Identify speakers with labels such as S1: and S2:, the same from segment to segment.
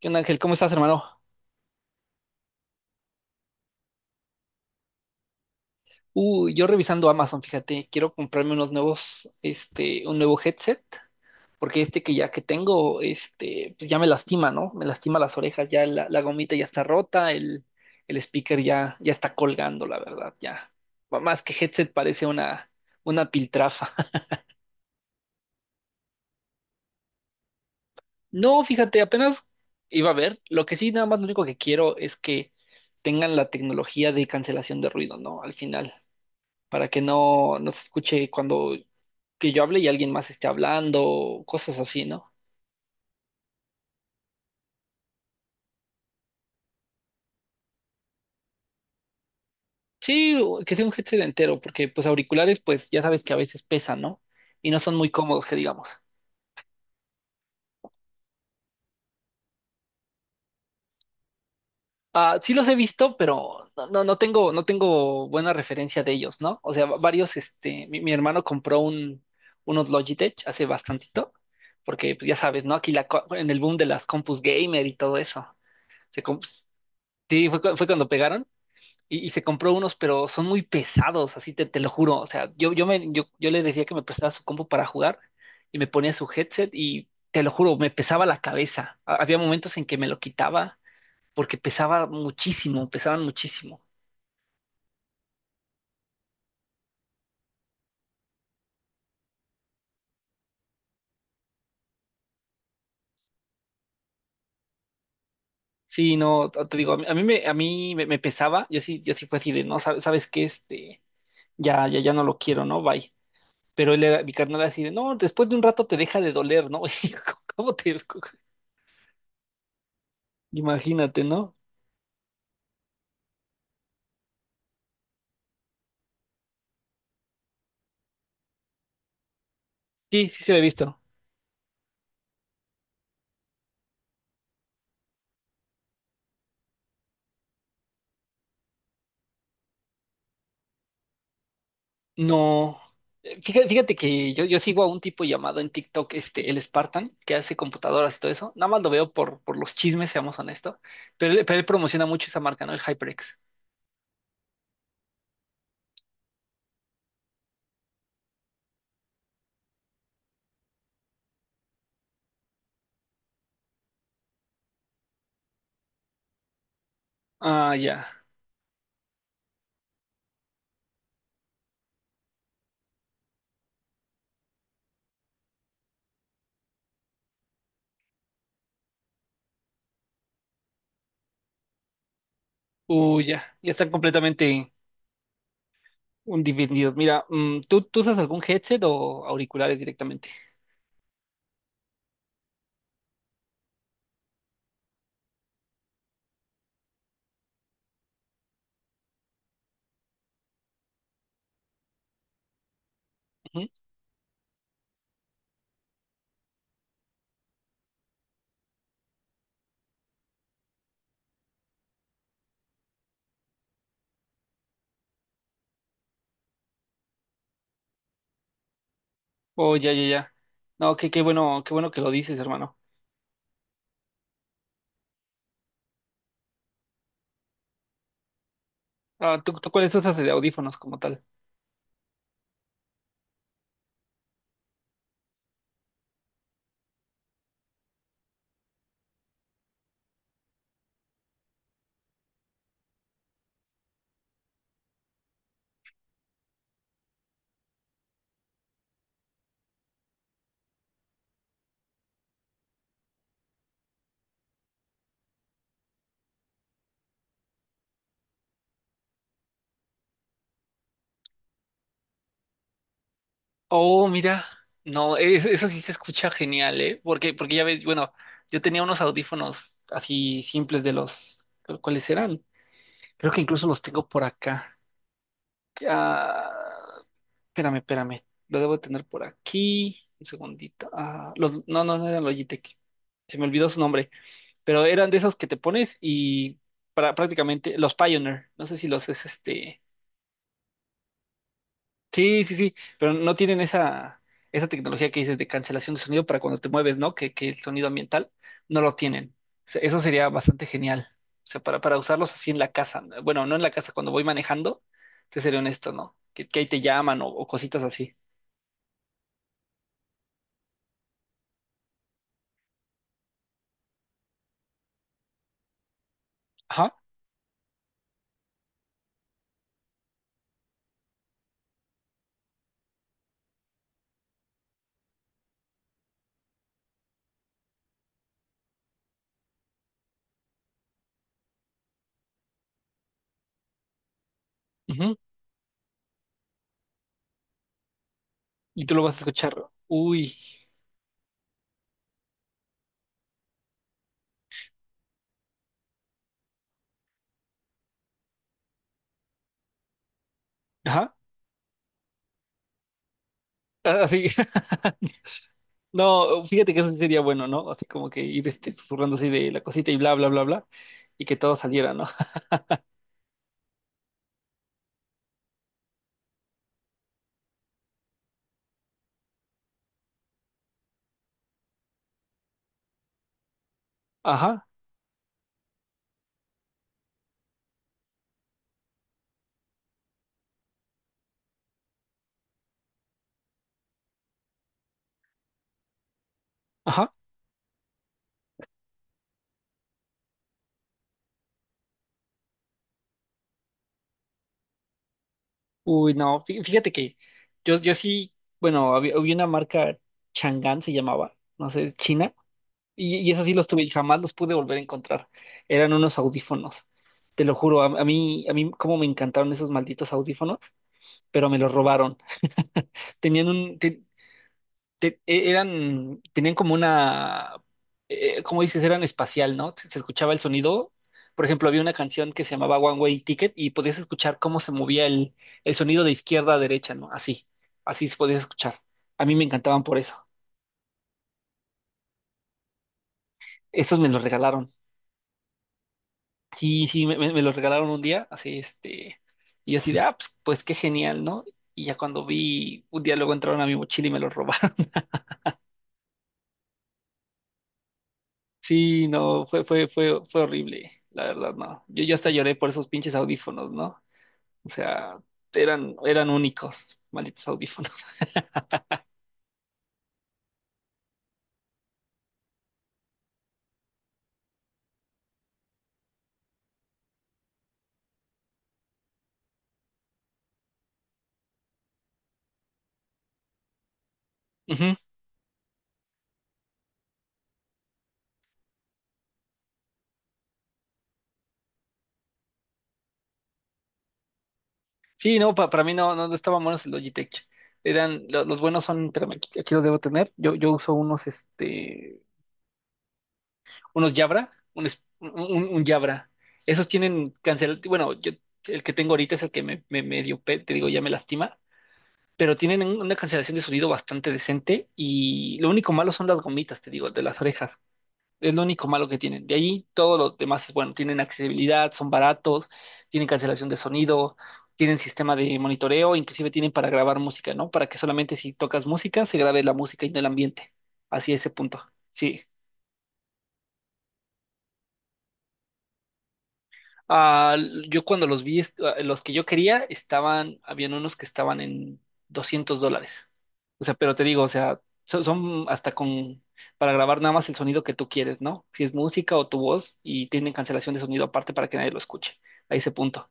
S1: ¿Qué onda, Ángel? ¿Cómo estás, hermano? Uy, yo revisando Amazon, fíjate, quiero comprarme unos nuevos, un nuevo headset, porque este que ya que tengo, pues ya me lastima, ¿no? Me lastima las orejas, ya la gomita ya está rota, el speaker ya está colgando, la verdad, ya. Más que headset parece una piltrafa. No, fíjate, apenas iba a ver. Lo que sí, nada más lo único que quiero es que tengan la tecnología de cancelación de ruido, ¿no? Al final, para que no se escuche cuando que yo hable y alguien más esté hablando, cosas así, ¿no? Sí, o que sea un headset entero, porque pues auriculares, pues ya sabes que a veces pesan, ¿no? Y no son muy cómodos, que digamos. Ah, sí los he visto, pero no tengo, no tengo buena referencia de ellos, ¿no? O sea, varios, mi hermano compró un, unos Logitech hace bastantito, porque pues ya sabes, ¿no? Aquí en el boom de las compus gamer y todo eso. Se comp- sí, fue cuando pegaron. Y, y se compró unos, pero son muy pesados, así te lo juro. O sea, yo le decía que me prestara su compu para jugar y me ponía su headset y te lo juro, me pesaba la cabeza. Había momentos en que me lo quitaba porque pesaba muchísimo, pesaban muchísimo. Sí, no, te digo, a mí me, me pesaba, yo sí fue así de, no, sabes, sabes qué, ya no lo quiero, ¿no? Bye. Pero él era, mi carnal era así de, no, después de un rato te deja de doler, ¿no? Y yo, ¿Cómo te, cómo- imagínate, ¿no? Sí, sí se había visto. No, fíjate que yo sigo a un tipo llamado en TikTok, este, el Spartan, que hace computadoras y todo eso. Nada más lo veo por los chismes, seamos honestos. Pero él promociona mucho esa marca, ¿no? El HyperX. Ah, ya. Uy, ya. Ya están completamente divididos. Mira, ¿tú usas algún headset o auriculares directamente? Ujú. Oh, ya, ya, ya. No, qué bueno que lo dices, hermano. Ah, ¿tú cuáles usas de audífonos como tal? Oh, mira, no, es- eso sí se escucha genial, ¿eh? Porque ya ves, bueno, yo tenía unos audífonos así simples de los, ¿cuáles eran? Creo que incluso los tengo por acá. Ah, espérame, lo debo tener por aquí, un segundito. Ah, los, no, no, no eran Logitech, se me olvidó su nombre, pero eran de esos que te pones y para, prácticamente los Pioneer, no sé si los es este. Sí, pero no tienen esa, esa tecnología que dices de cancelación de sonido para cuando te mueves, ¿no? Que el sonido ambiental no lo tienen. O sea, eso sería bastante genial. O sea, para usarlos así en la casa. Bueno, no en la casa, cuando voy manejando, te seré honesto, ¿no? Que ahí te llaman o cositas así. Ajá. Ujú. Y tú lo vas a escuchar. Uy. Ajá. Ah, así. No, fíjate que eso sí sería bueno, ¿no? Así como que ir este, susurrando así de la cosita y bla, bla, bla, bla. Y que todo saliera, ¿no? Ajá. Ajá. Uy, no, fíjate que yo sí, bueno, había una marca Chang'an se llamaba, no sé, es China, y esos sí los tuve y jamás los pude volver a encontrar. Eran unos audífonos, te lo juro, a mí cómo me encantaron esos malditos audífonos, pero me los robaron. Tenían un, eran, tenían como una, ¿cómo dices? Eran espacial, ¿no? Se escuchaba el sonido. Por ejemplo, había una canción que se llamaba One Way Ticket y podías escuchar cómo se movía el sonido de izquierda a derecha, ¿no? Así, así se podía escuchar. A mí me encantaban por eso. Estos me los regalaron. Sí, sí, me los regalaron un día, así, y yo así de, ah, pues, pues qué genial, ¿no? Y ya cuando vi, un día luego entraron a mi mochila y me los robaron. Sí, no, fue horrible, la verdad, no. Yo hasta lloré por esos pinches audífonos, ¿no? O sea, eran, eran únicos, malditos audífonos. Ujú. Sí, para mí no estaban buenos el Logitech. Eran, los buenos son, espérame, aquí, aquí los debo tener. Yo uso unos, unos Jabra, un Jabra. Esos tienen bueno, yo, el que tengo ahorita es el que me medio, te digo, ya me lastima pero tienen una cancelación de sonido bastante decente y lo único malo son las gomitas, te digo, de las orejas. Es lo único malo que tienen. De ahí todo lo demás es bueno. Tienen accesibilidad, son baratos, tienen cancelación de sonido, tienen sistema de monitoreo, inclusive tienen para grabar música, ¿no? Para que solamente si tocas música se grabe la música y no el ambiente. Así ese punto. Sí. Ah, yo cuando los vi, los que yo quería, estaban, habían unos que estaban en $200. O sea, pero te digo, o sea, son, hasta con, para grabar nada más el sonido que tú quieres, ¿no? Si es música o tu voz y tienen cancelación de sonido aparte para que nadie lo escuche. A ese punto.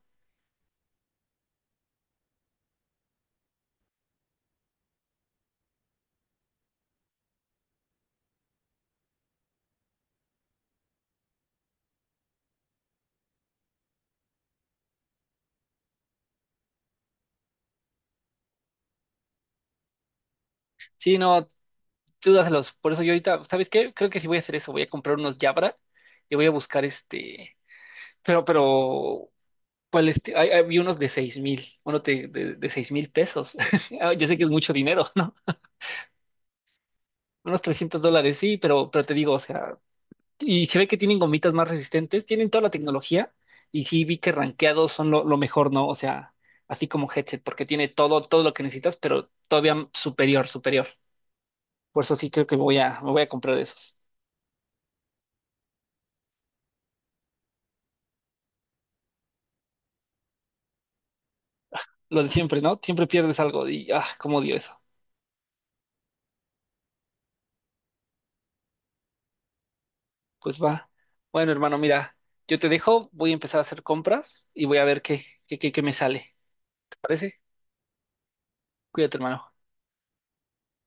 S1: Sí, no, tú dáselos. Por eso yo ahorita, ¿sabes qué? Creo que sí voy a hacer eso. Voy a comprar unos Jabra y voy a buscar pero, ¿cuál este? Vi unos de 6000, uno de 6000 pesos. Ah, ya sé que es mucho dinero, ¿no? Unos $300, sí, pero te digo, o sea, y se ve que tienen gomitas más resistentes, tienen toda la tecnología, y sí vi que rankeados son lo mejor, ¿no? O sea, así como headset, porque tiene todo, todo lo que necesitas, pero todavía superior, superior. Por eso sí creo que me voy a comprar esos. Lo de siempre, ¿no? Siempre pierdes algo y, ah, cómo odio eso. Pues va. Bueno, hermano, mira, yo te dejo, voy a empezar a hacer compras y voy a ver qué me sale. ¿Te parece? Cuídate, hermano.